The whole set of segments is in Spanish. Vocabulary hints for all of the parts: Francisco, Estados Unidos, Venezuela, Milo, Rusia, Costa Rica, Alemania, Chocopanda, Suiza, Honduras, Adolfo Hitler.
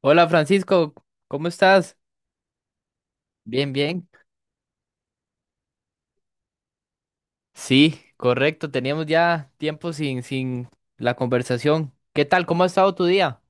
Hola Francisco, ¿cómo estás? Bien, bien. Sí, correcto, teníamos ya tiempo sin la conversación. ¿Qué tal? ¿Cómo ha estado tu día?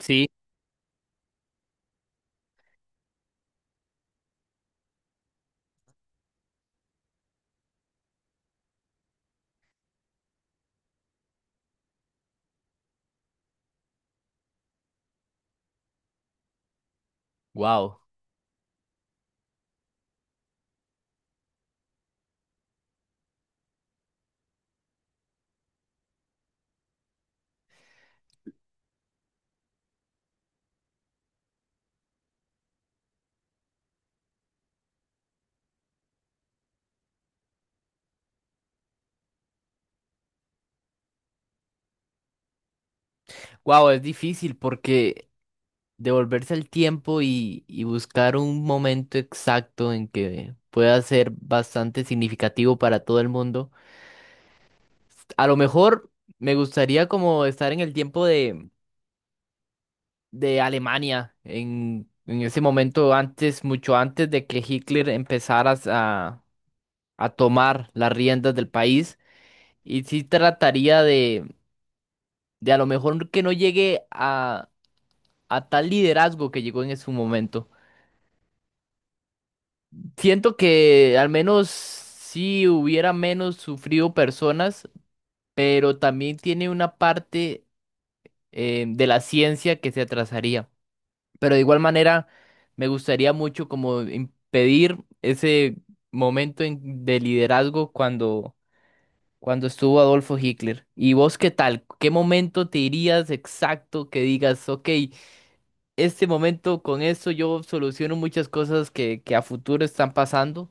Sí, wow. Wow, es difícil porque devolverse el tiempo y buscar un momento exacto en que pueda ser bastante significativo para todo el mundo. A lo mejor me gustaría como estar en el tiempo de Alemania en ese momento, antes, mucho antes de que Hitler empezara a tomar las riendas del país. Y sí trataría de a lo mejor que no llegue a tal liderazgo que llegó en su momento. Siento que al menos sí hubiera menos sufrido personas, pero también tiene una parte de la ciencia que se atrasaría. Pero de igual manera, me gustaría mucho como impedir ese de liderazgo cuando, cuando estuvo Adolfo Hitler. ¿Y vos qué tal? ¿Qué momento te irías exacto que digas, ok, este momento con esto yo soluciono muchas cosas que a futuro están pasando?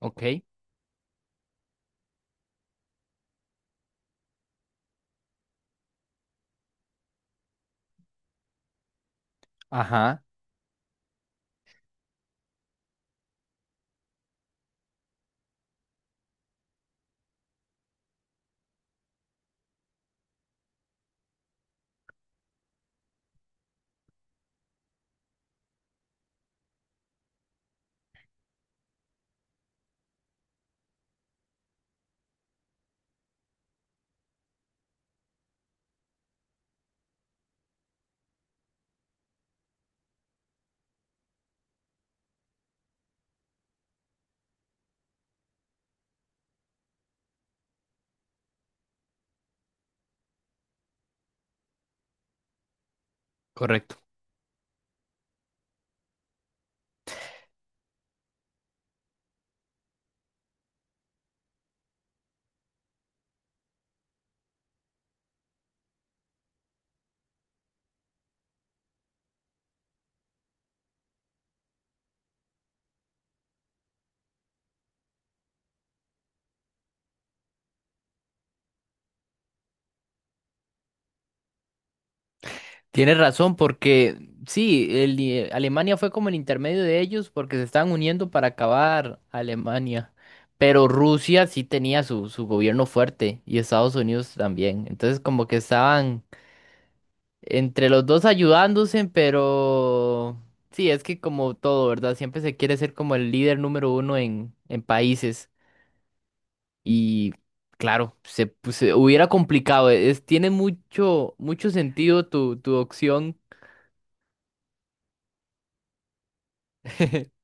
Ok, ajá, correcto. Tienes razón, porque sí, Alemania fue como el intermedio de ellos porque se estaban uniendo para acabar a Alemania. Pero Rusia sí tenía su gobierno fuerte y Estados Unidos también. Entonces como que estaban entre los dos ayudándose, pero sí, es que como todo, ¿verdad? Siempre se quiere ser como el líder número uno en países. Y claro, se, pues, se hubiera complicado. Es, tiene mucho, mucho sentido tu opción.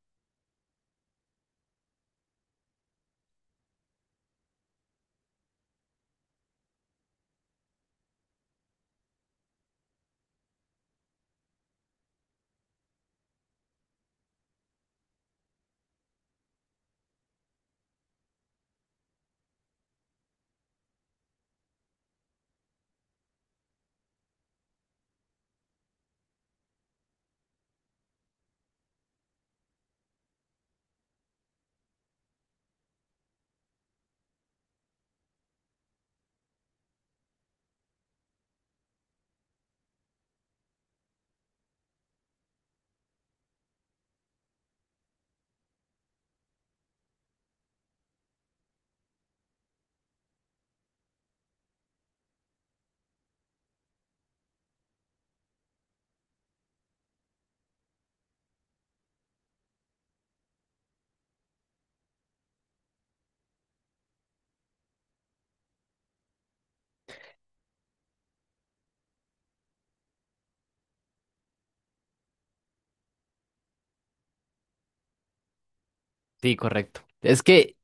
Sí, correcto. Es que,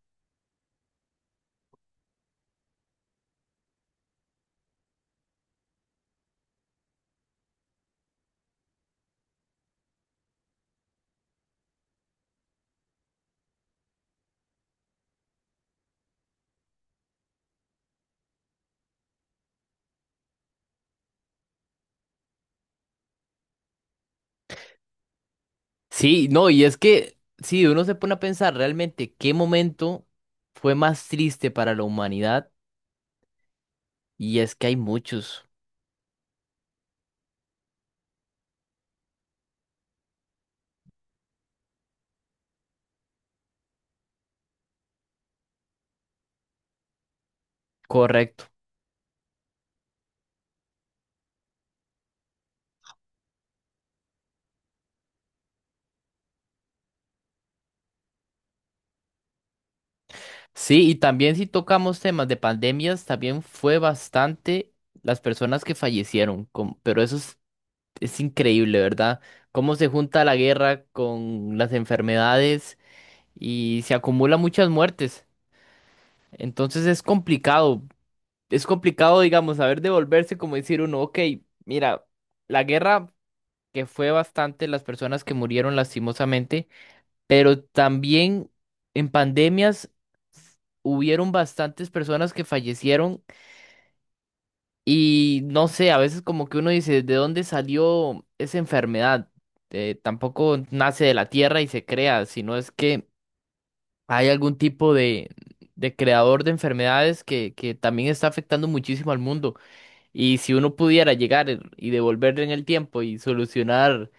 sí, no, y es que, sí, uno se pone a pensar realmente qué momento fue más triste para la humanidad, y es que hay muchos, correcto. Sí, y también si tocamos temas de pandemias, también fue bastante las personas que fallecieron, pero eso es increíble, ¿verdad? Cómo se junta la guerra con las enfermedades y se acumulan muchas muertes. Entonces es complicado. Es complicado, digamos, saber devolverse, como decir uno, ok, mira, la guerra que fue bastante las personas que murieron lastimosamente, pero también en pandemias hubieron bastantes personas que fallecieron y no sé, a veces como que uno dice, ¿de dónde salió esa enfermedad? Tampoco nace de la tierra y se crea, sino es que hay algún tipo de creador de enfermedades que también está afectando muchísimo al mundo. Y si uno pudiera llegar y devolver en el tiempo y solucionar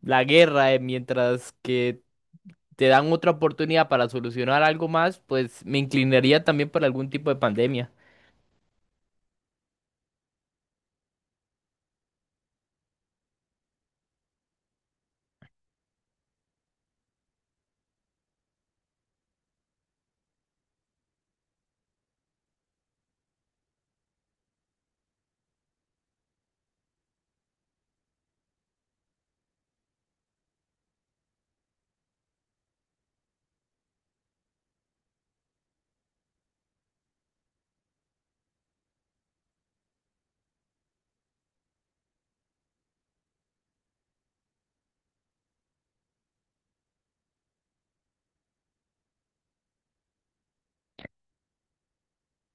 la guerra mientras que te dan otra oportunidad para solucionar algo más, pues me inclinaría también por algún tipo de pandemia.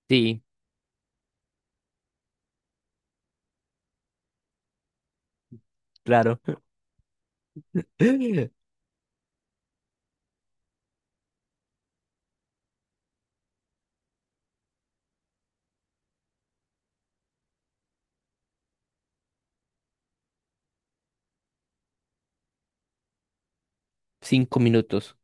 Sí, claro. 5 minutos.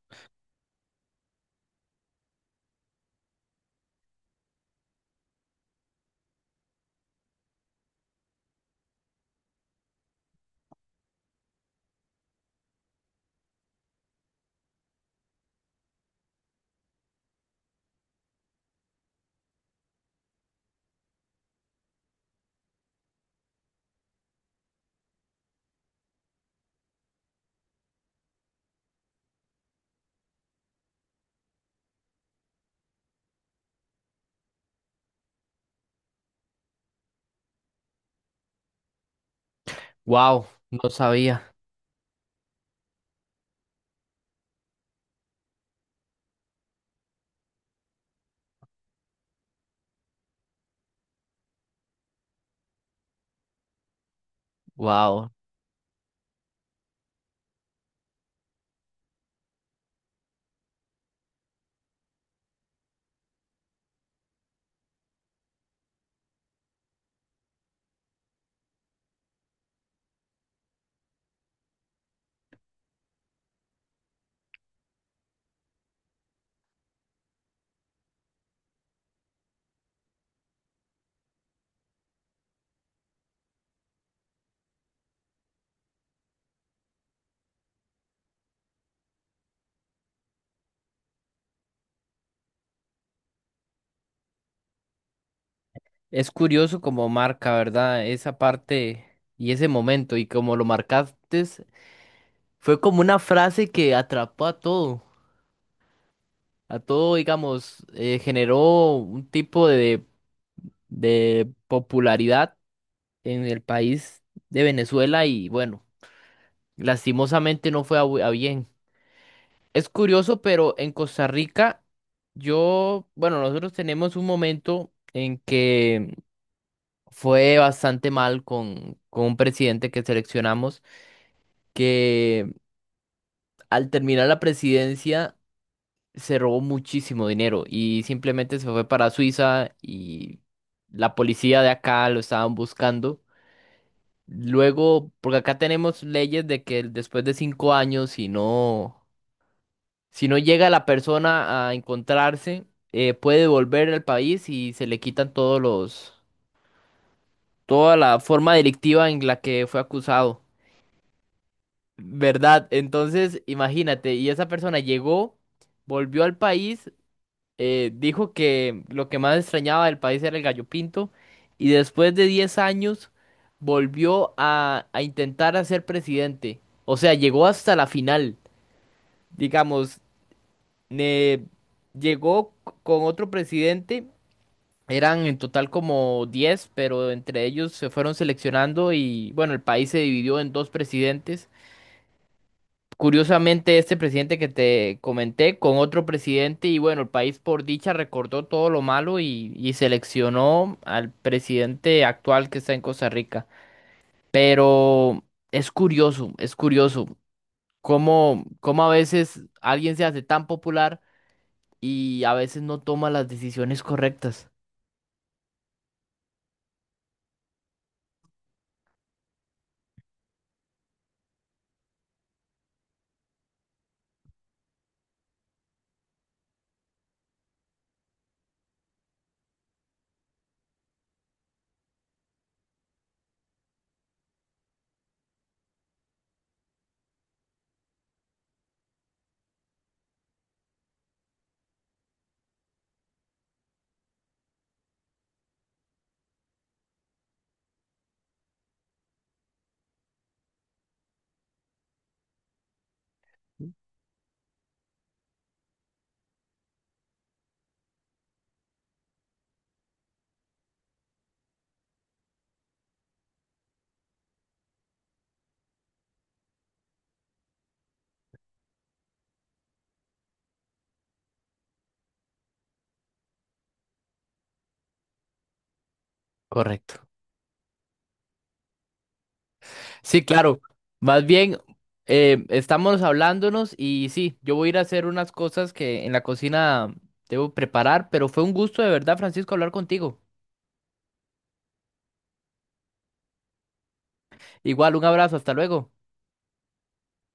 Wow, no sabía. Wow. Es curioso como marca, ¿verdad? Esa parte y ese momento y como lo marcaste, fue como una frase que atrapó a todo. A todo, digamos, generó un tipo de popularidad en el país de Venezuela y bueno, lastimosamente no fue a, a bien. Es curioso, pero en Costa Rica, yo, bueno, nosotros tenemos un momento en que fue bastante mal con un presidente que seleccionamos, que al terminar la presidencia se robó muchísimo dinero y simplemente se fue para Suiza y la policía de acá lo estaban buscando. Luego, porque acá tenemos leyes de que después de 5 años, si no, si no llega la persona a encontrarse, puede volver al país y se le quitan todos los, toda la forma delictiva en la que fue acusado. ¿Verdad? Entonces, imagínate, y esa persona llegó, volvió al país dijo que lo que más extrañaba del país era el gallo pinto y después de 10 años volvió a intentar a ser presidente. O sea, llegó hasta la final, digamos, ne- llegó con otro presidente, eran en total como 10 pero entre ellos se fueron seleccionando y bueno, el país se dividió en dos presidentes. Curiosamente, este presidente que te comenté con otro presidente y bueno, el país por dicha recordó todo lo malo y seleccionó al presidente actual que está en Costa Rica. Pero es curioso cómo, cómo a veces alguien se hace tan popular y a veces no toma las decisiones correctas. Correcto. Sí, claro. Más bien, estamos hablándonos y sí, yo voy a ir a hacer unas cosas que en la cocina debo preparar, pero fue un gusto de verdad, Francisco, hablar contigo. Igual, un abrazo, hasta luego.